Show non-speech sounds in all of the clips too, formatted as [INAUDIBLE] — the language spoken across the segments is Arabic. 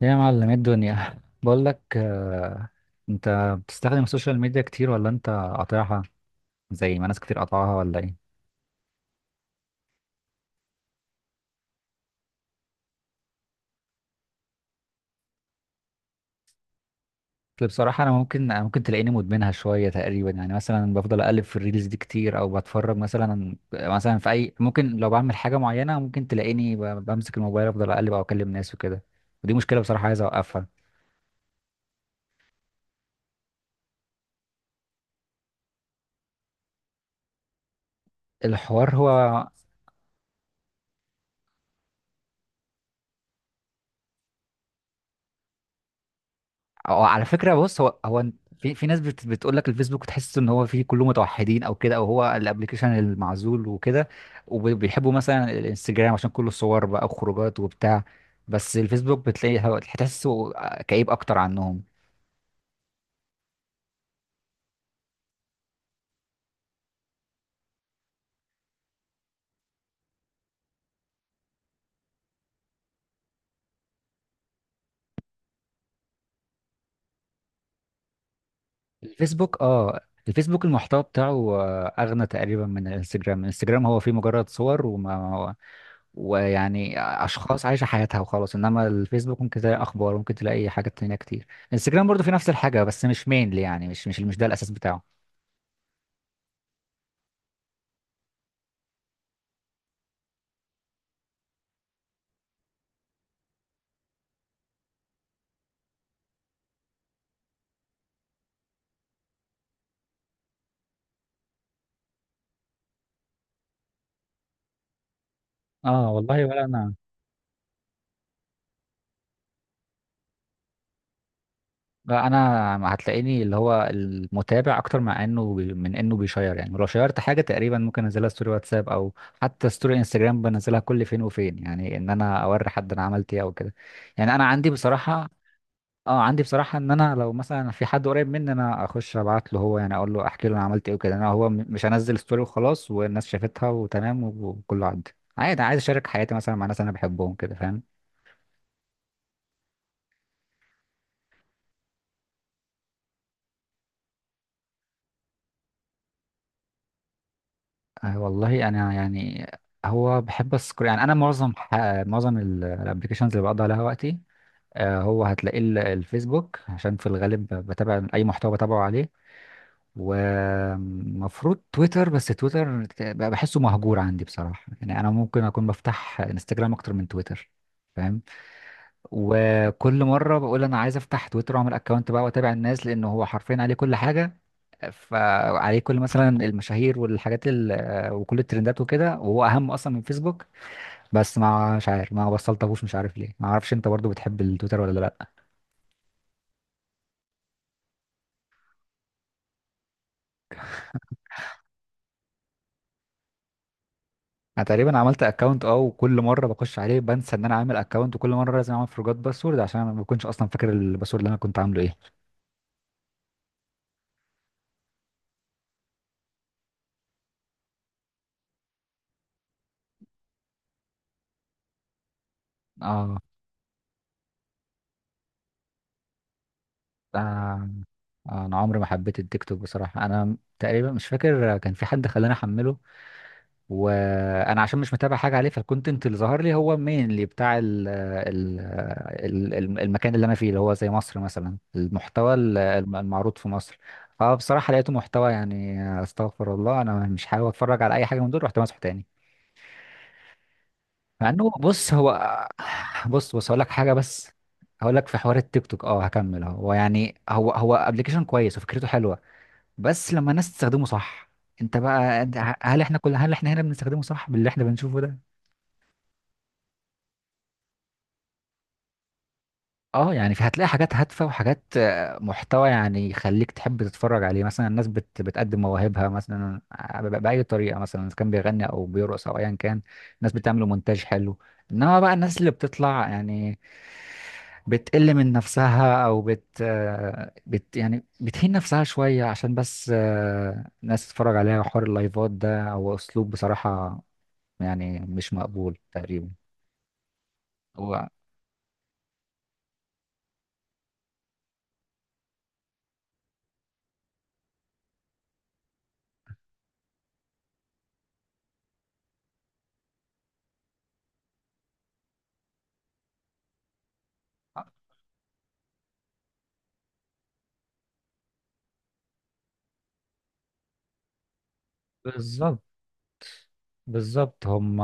يا معلم إيه الدنيا بقول لك انت بتستخدم السوشيال ميديا كتير ولا انت قاطعها زي ما ناس كتير قاطعها ولا ايه؟ أصل بصراحة انا ممكن تلاقيني مدمنها شوية تقريبا، يعني مثلا بفضل اقلب في الريلز دي كتير، او بتفرج مثلا في اي، ممكن لو بعمل حاجة معينة ممكن تلاقيني بمسك الموبايل افضل اقلب او اكلم ناس وكده. ودي مشكلة بصراحة، عايز اوقفها. الحوار هو، أو على فكرة بص، هو في ناس بتقول لك الفيسبوك تحس ان هو فيه كله متوحدين او كده، او هو الابلكيشن المعزول وكده، وبيحبوا مثلا الانستجرام عشان كله صور بقى وخروجات وبتاع. بس الفيسبوك بتلاقي هتحسه كئيب اكتر عنهم. الفيسبوك، الفيسبوك المحتوى بتاعه اغنى تقريبا من الانستجرام هو فيه مجرد صور، وما ويعني اشخاص عايشه حياتها وخلاص، انما الفيسبوك ممكن تلاقي اخبار، ممكن تلاقي حاجات تانية كتير. انستجرام برضو في نفس الحاجه، بس مش مينلي، يعني مش ده الاساس بتاعه. اه والله، ولا انا لا، انا هتلاقيني اللي هو المتابع اكتر، مع انه من انه بيشير، يعني لو شيرت حاجه تقريبا ممكن انزلها ستوري واتساب، او حتى ستوري انستجرام بنزلها كل فين وفين، يعني ان انا اوري حد انا عملت ايه او كده. يعني انا عندي بصراحه اه عندي بصراحة ان انا لو مثلا في حد قريب مني انا اخش ابعت له، هو يعني اقول له، احكي له انا عملت ايه وكده، انا هو مش هنزل ستوري وخلاص والناس شافتها وتمام وكله عدى عادي. عايز اشارك حياتي مثلا مع ناس انا بحبهم كده، فاهم. آه والله انا يعني، هو بحب السكر، يعني انا معظم معظم الابلكيشنز اللي بقضي عليها وقتي هو هتلاقيه الفيسبوك، عشان في الغالب بتابع اي محتوى بتابعه عليه. ومفروض تويتر، بس تويتر بقى بحسه مهجور عندي بصراحة، يعني أنا ممكن أكون بفتح انستجرام أكتر من تويتر، فاهم. وكل مرة بقول أنا عايز أفتح تويتر وأعمل أكونت بقى وأتابع الناس، لأن هو حرفيا عليه كل حاجة. فعليه كل مثلا المشاهير والحاجات وكل الترندات وكده، وهو أهم أصلا من فيسبوك. بس ما مش عارف، ما وصلتهوش، مش عارف ليه، ما أعرفش. أنت برضو بتحب التويتر ولا لأ؟ انا تقريبا عملت اكونت وكل مره بخش عليه بنسى ان انا عامل اكونت، وكل مره لازم اعمل فورجوت باسورد، عشان انا ما بكونش اصلا فاكر الباسورد اللي انا كنت عامله ايه. اه آه، انا عمري ما حبيت التيك توك بصراحه، انا تقريبا مش فاكر كان في حد خلاني احمله، وانا عشان مش متابع حاجه عليه، فالكونتنت اللي ظهر لي هو مين بتاع المكان اللي انا فيه اللي هو زي مصر مثلا، المحتوى المعروض في مصر. فبصراحه لقيته محتوى يعني استغفر الله، انا مش حابب اتفرج على اي حاجه من دول، رحت مسحه تاني. مع انه بص هو بص بص هقول لك حاجه بس. هقول لك في حوار التيك توك، هكمل اهو. هو يعني، هو ابلكيشن كويس وفكرته حلوه، بس لما الناس تستخدمه صح. انت بقى، هل احنا هنا بنستخدمه صح باللي احنا بنشوفه ده؟ اه يعني في، هتلاقي حاجات هادفة وحاجات محتوى يعني يخليك تحب تتفرج عليه، مثلا الناس بتقدم مواهبها مثلا بأي طريقة، مثلا إذا كان بيغني أو بيرقص أو أيا كان، الناس بتعمل مونتاج حلو. إنما بقى الناس اللي بتطلع يعني بتقل من نفسها، أو بت, آه، بت يعني بتهين نفسها شوية عشان بس الناس تتفرج عليها، وحوار اللايفات ده، هو أسلوب بصراحة يعني مش مقبول تقريبا. هو آه، بالظبط، بالظبط. هم،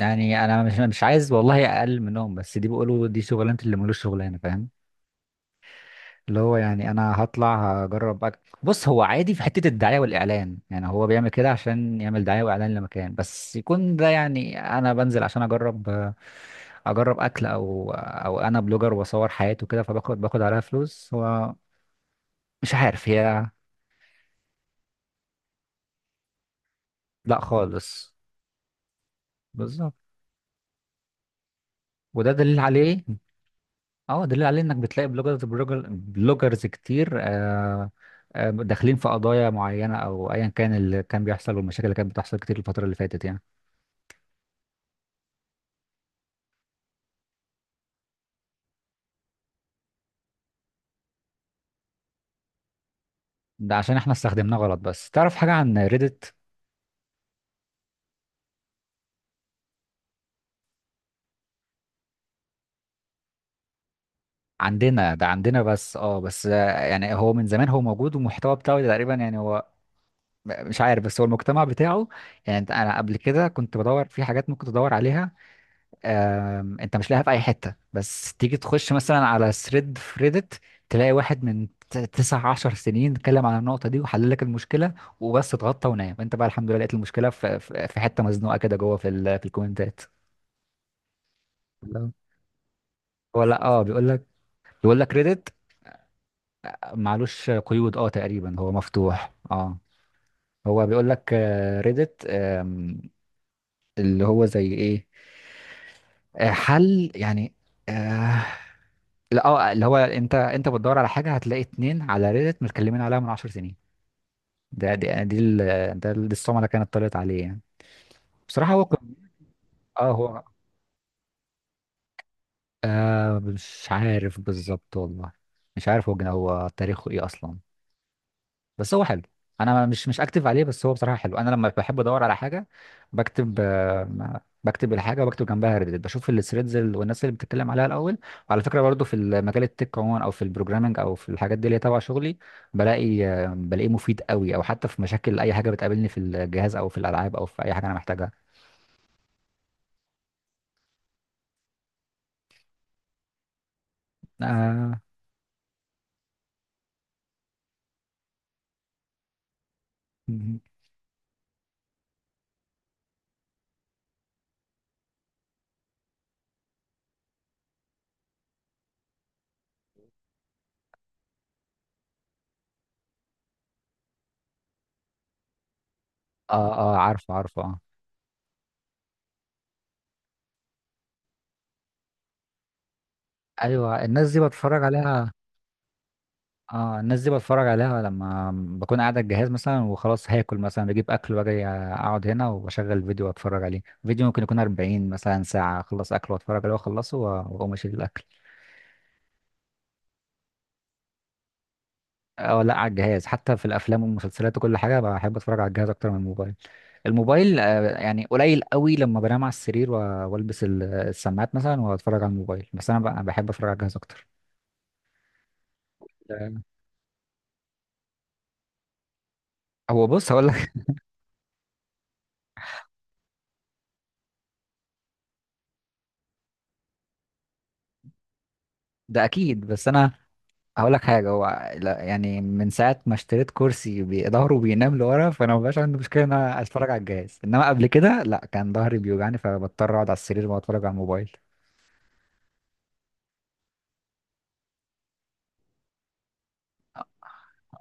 يعني انا مش عايز والله اقل منهم، بس دي بيقولوا دي شغلانه، اللي ملوش شغلانه، فاهم. اللي هو يعني انا هطلع هجرب بص هو عادي في حته الدعايه والاعلان، يعني هو بيعمل كده عشان يعمل دعايه واعلان لمكان، بس يكون ده يعني انا بنزل عشان اجرب اكل، او انا بلوجر واصور حياتي وكده، فباخد عليها فلوس. هو مش عارف هي، لا خالص، بالظبط. وده دليل عليه، اه دليل عليه، انك بتلاقي بلوجرز، بلوجر بلوجرز كتير داخلين في قضايا معينة او ايا كان اللي كان بيحصل، والمشاكل اللي كانت بتحصل كتير الفترة اللي فاتت يعني. ده عشان احنا استخدمناه غلط. بس تعرف حاجة عن ريدت؟ عندنا، ده عندنا بس اه بس آه، يعني هو من زمان هو موجود، والمحتوى بتاعه تقريبا يعني هو مش عارف، بس هو المجتمع بتاعه يعني، انا قبل كده كنت بدور في حاجات ممكن تدور عليها، انت مش لاقيها في اي حته. بس تيجي تخش مثلا على ثريد في ريدت تلاقي واحد من تسع عشر سنين اتكلم عن النقطه دي وحل لك المشكله، وبس اتغطى ونام، انت بقى الحمد لله لقيت المشكله في في حته مزنوقه كده جوه في الكومنتات. لا، هو لا اه بيقول لك، ريدت معلوش قيود، اه تقريبا هو مفتوح، اه. هو بيقول لك ريدت اللي هو زي ايه، حل يعني، آه، لا اه اللي هو انت بتدور على حاجه هتلاقي اتنين على ريدت متكلمين عليها من 10 سنين. ده دي، دي ال- ده دي الصومعه اللي كانت طلعت عليه يعني. بصراحه هو كان، اه هو، مش عارف بالظبط والله، مش عارف هو هو تاريخه ايه اصلا، بس هو حلو. انا مش اكتب عليه، بس هو بصراحه حلو. انا لما بحب ادور على حاجه بكتب، بكتب الحاجه وبكتب جنبها ريديت، بشوف الثريدز والناس اللي بتتكلم عليها الاول. وعلى فكره برضو في المجال التك عموما، او في البروجرامنج، او في الحاجات دي اللي هي تبع شغلي، بلاقيه مفيد قوي، او حتى في مشاكل اي حاجه بتقابلني في الجهاز او في الالعاب او في اي حاجه انا محتاجها. اه، اه، آه، عارفه عارفه آه. ايوه، الناس دي بتفرج عليها. اه، الناس دي بتفرج عليها لما بكون قاعد على الجهاز مثلا وخلاص هاكل، مثلا بجيب اكل واجي اقعد هنا واشغل فيديو واتفرج عليه، فيديو ممكن يكون 40 مثلا ساعة اخلص اكل واتفرج عليه واخلصه واقوم اشيل الاكل. اه، لا على الجهاز، حتى في الافلام والمسلسلات وكل حاجة بحب اتفرج على الجهاز اكتر من الموبايل. الموبايل يعني قليل قوي، لما بنام على السرير والبس السماعات مثلا واتفرج على الموبايل، بس انا بحب اتفرج على الجهاز اكتر. ده- هو بص هقول لك [LAUGHS] ده اكيد. بس انا هقول لك حاجه، هو يعني من ساعه ما اشتريت كرسي ظهره بينام لورا، فانا مبقاش عندي مشكله ان انا اتفرج على الجهاز، انما قبل كده لا، كان ظهري بيوجعني فبضطر اقعد على السرير واتفرج على الموبايل.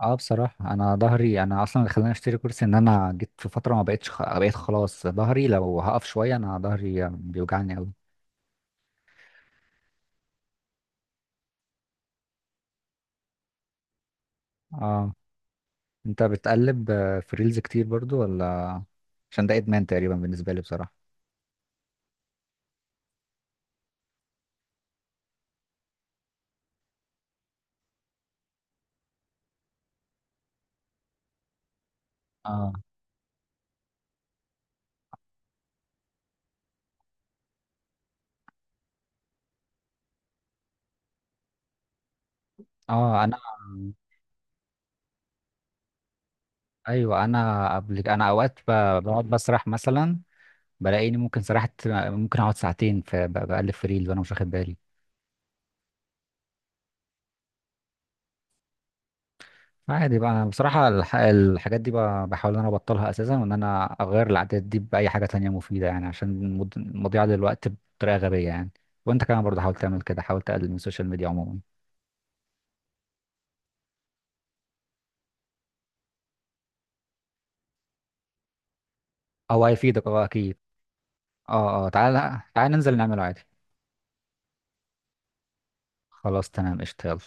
اه بصراحه انا ظهري، انا اصلا اللي خلاني اشتري كرسي ان انا جيت في فتره ما بقتش بقيت خلاص ظهري لو هقف شويه انا ظهري بيوجعني قوي. اه. انت بتقلب في ريلز كتير برضو ولا؟ عشان ده ادمان تقريبا بالنسبه لي بصراحه. اه، اه. انا قبل انا اوقات بقعد بسرح مثلا، بلاقيني ممكن سرحت، ممكن اقعد ساعتين بقلب في ريل وانا مش واخد بالي. عادي بقى. انا بصراحه الحاجات دي بحاول ان انا ابطلها اساسا، وان انا اغير العادات دي باي حاجه تانية مفيده، يعني عشان مضيعه للوقت بطريقه غبيه يعني. وانت كمان برضه حاول تعمل كده، حاول تقلل من السوشيال ميديا عموما. او هيفيدك اه اكيد. اه تعالى تعالى ننزل نعمله عادي. خلاص تمام قشطه، يلا.